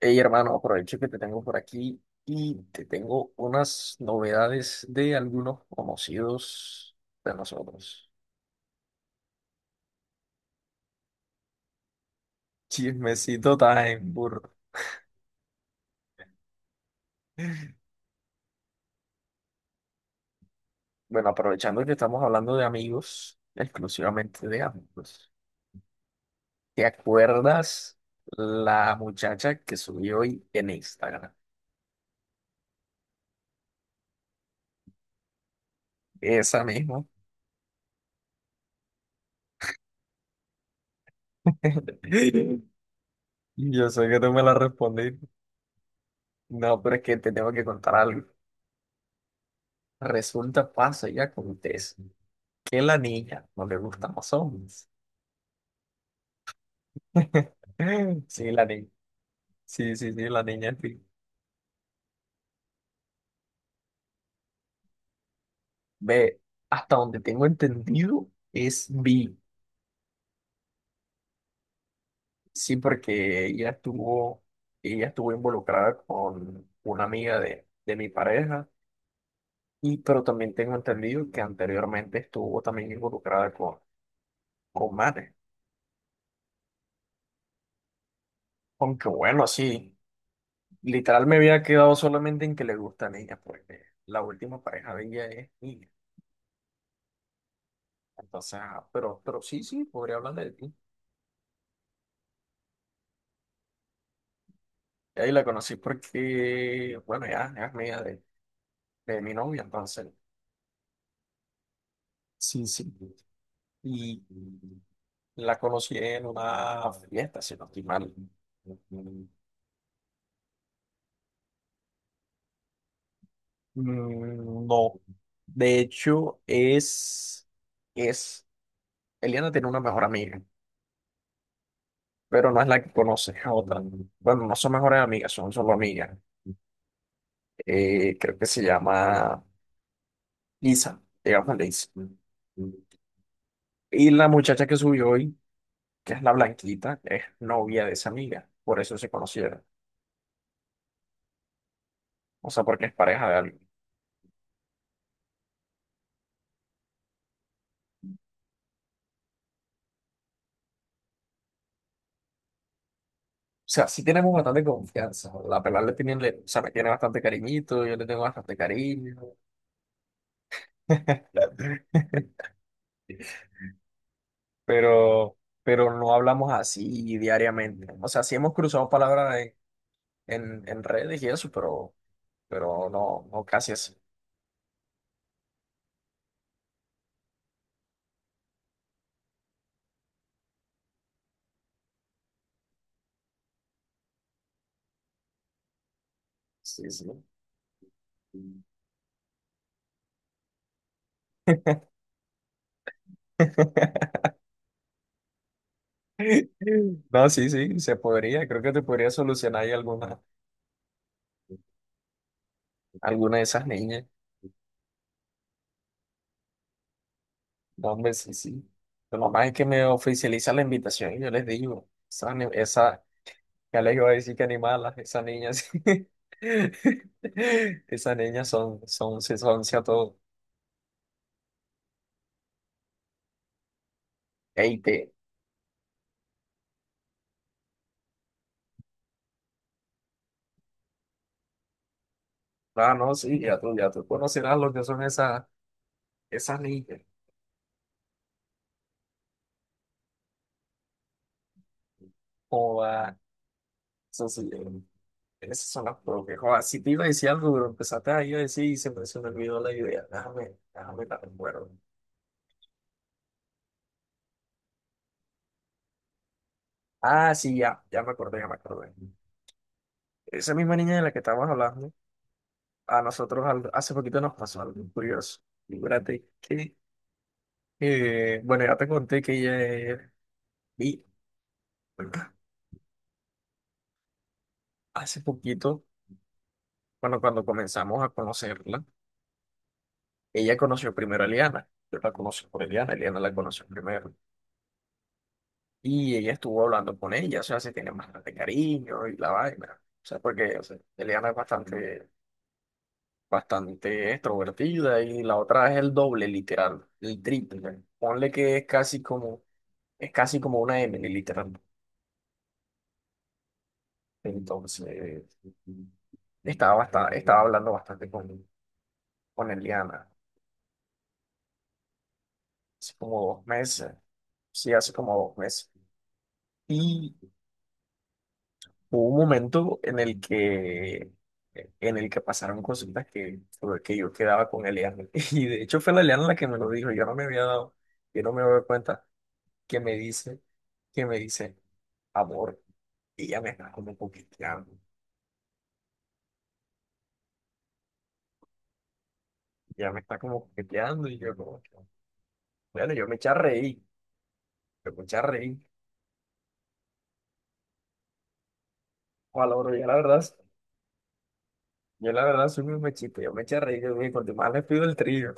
Hey, hermano, aprovecho que te tengo por aquí y te tengo unas novedades de algunos conocidos de nosotros. Chismecito time, burro. Bueno, aprovechando que estamos hablando de amigos, exclusivamente de amigos. ¿Te acuerdas la muchacha que subí hoy en Instagram? Esa misma. Yo sé que tú me la respondiste. No, pero es que te tengo que contar algo. Resulta, pasa y acontece. Que la niña, no le gustan los hombres. Sí, la niña. Sí, sí, sí, la niña, en fin. Ve, hasta donde tengo entendido es bi. Sí, porque ella estuvo involucrada con una amiga de mi pareja. Y, pero también tengo entendido que anteriormente estuvo también involucrada con manes. Aunque bueno, sí, literal me había quedado solamente en que le gusta a ella, porque la última pareja de ella es niña. Entonces, ah, pero sí, sí, podría hablar de ti. Y ahí la conocí porque, bueno, ya, ya es mía de mi novia, entonces. Sí, sí. Y la conocí en una fiesta, si no estoy mal. Mm, no. De hecho, es, Eliana tiene una mejor amiga, pero no es la que conoce, es otra. Bueno, no son mejores amigas, son solo amigas. Creo que se llama Lisa, digamos Lisa. Y la muchacha que subió hoy, que es la blanquita, es novia de esa amiga. Por eso se conocieron. O sea, porque es pareja de alguien. O sea, sí tenemos bastante confianza. La pelada le tiene, le- o sea, me tiene bastante cariñito, yo le tengo bastante cariño. Pero, pero no hablamos así diariamente. O sea, sí hemos cruzado palabras en redes y eso, pero no, no casi así. Sí, sí. No, sí, sí, se podría. Creo que te podría solucionar ahí alguna, alguna de esas niñas. No, hombre, sí, sí. Lo normal es que me oficializa la invitación y yo les digo, esa, ni- esa, ya les iba a decir que animalas, esas niñas, esas niñas son, son, se son, a todo. Ey, te, ah, no, sí, ya tú conocerás lo que son esas, esas niñas. Joda, eso sí, esas son las propias. Joda, si te iba a decir algo, pero empezaste ahí a decir y se me olvidó la idea. Déjame, déjame la recuerdo. Ah, sí, ya, ya me acordé, ya me acordé. Esa misma niña de la que estamos hablando, a nosotros al- hace poquito nos pasó algo curioso. Fíjate que, bueno, ya te conté que ella es bi. Hace poquito, bueno, cuando comenzamos a conocerla, ella conoció primero a Eliana. Yo la conocí por Eliana, Eliana la conoció primero. Y ella estuvo hablando con ella, o sea, se tiene bastante cariño y la vaina. O sea, porque o sea, Eliana es bastante, bastante extrovertida y la otra es el doble, literal, el triple. Ponle que es casi como... Es casi como una m literal. Entonces, estaba, bastante, estaba hablando bastante con Eliana, hace como dos meses. Sí, hace como dos meses. Y hubo un momento en el que pasaron cositas que yo quedaba con Eliana. Y de hecho fue la Eliana la que me lo dijo. Yo no me había dado, yo no me había dado cuenta que me dice, que me dice, amor, ella me está como coqueteando. Ella me está como coqueteando y yo como... Bueno, yo me eché a reír, yo me eché a reír. Ojalá, bro, yo la verdad soy muy mechito, yo me eché a reír, yo dije, cuanto más le pido el trío.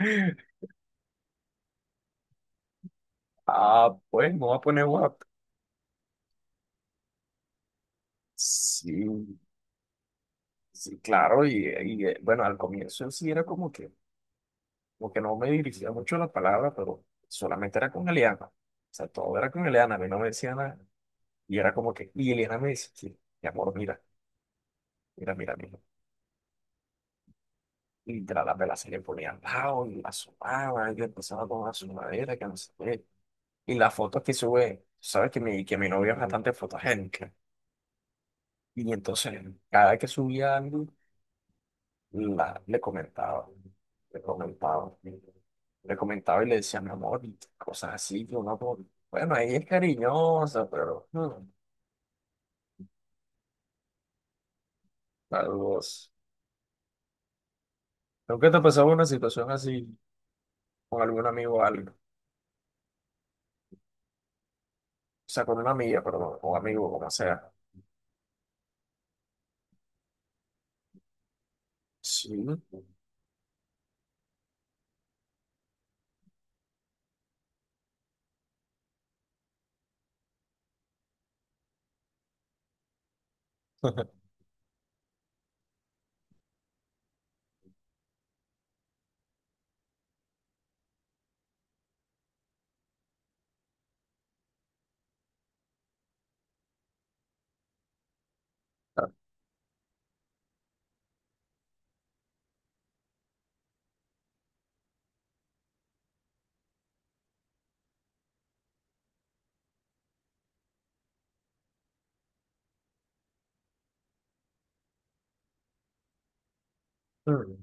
Ah, pues me voy a poner guapo. Sí, sí, claro, bueno, al comienzo sí era como que no me dirigía mucho la palabra, pero solamente era con Eliana. O sea, todo era con Eliana, a mí no me decía nada. Y era como que, y Eliana me decía, sí, mi amor, mira, mira. Y la vela se le ponía al lado y la asomaba y empezaba con la sumadera, que no sé qué. Y las fotos que sube, sabes que que mi novia es bastante fotogénica. Y entonces, cada vez que subía algo, la- le comentaba, le comentaba, le comentaba y le decía, mi amor, y cosas así, que uno, como, bueno, ella es cariñosa, pero hmm, vos... ¿Nunca te ha pasado una situación así con algún amigo o algo? O sea, con una amiga, perdón, o amigo, como sea. Sí. Hmm,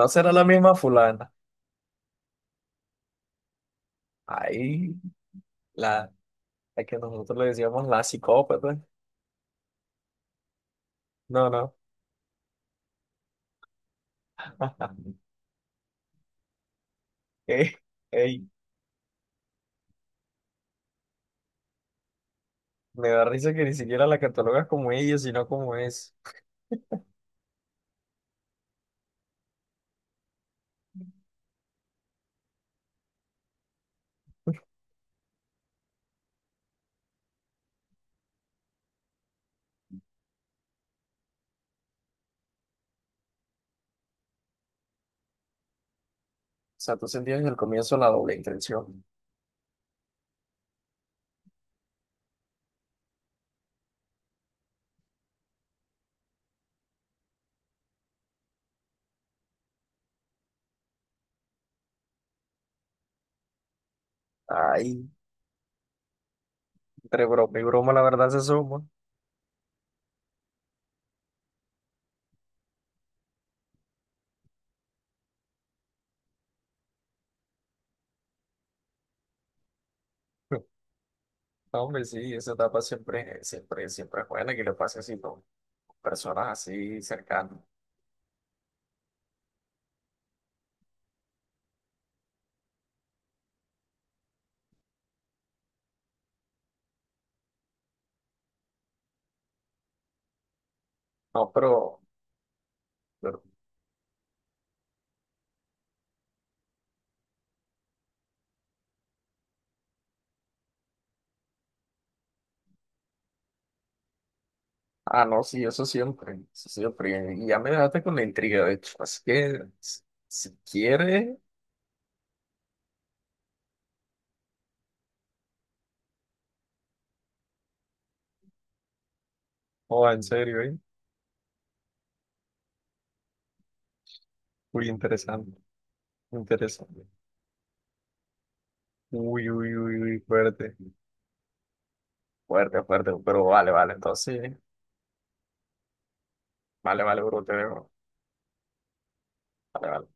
no será la misma fulana. Ahí, la, a que nosotros le decíamos la psicópata. No, no. Ey, ey, me da risa que ni siquiera la catalogas como ella, sino como es. O sea, tú sentías desde el comienzo la doble intención. Ay, entre broma y broma, la verdad se suma. No, hombre, sí, esa etapa siempre, siempre, siempre es buena que le pase así, ¿no? Con personas así cercanas. No, pero- ah, no, sí, eso siempre, eso siempre. Y ya me dejaste con la intriga, de hecho. Así que, si quieres, o en serio, ¿eh? Muy interesante. Interesante. Uy, uy, uy, uy, fuerte. Fuerte, fuerte. Pero vale, vale. Entonces, sí. Vale, vale, bro, te dejo. Vale, vale.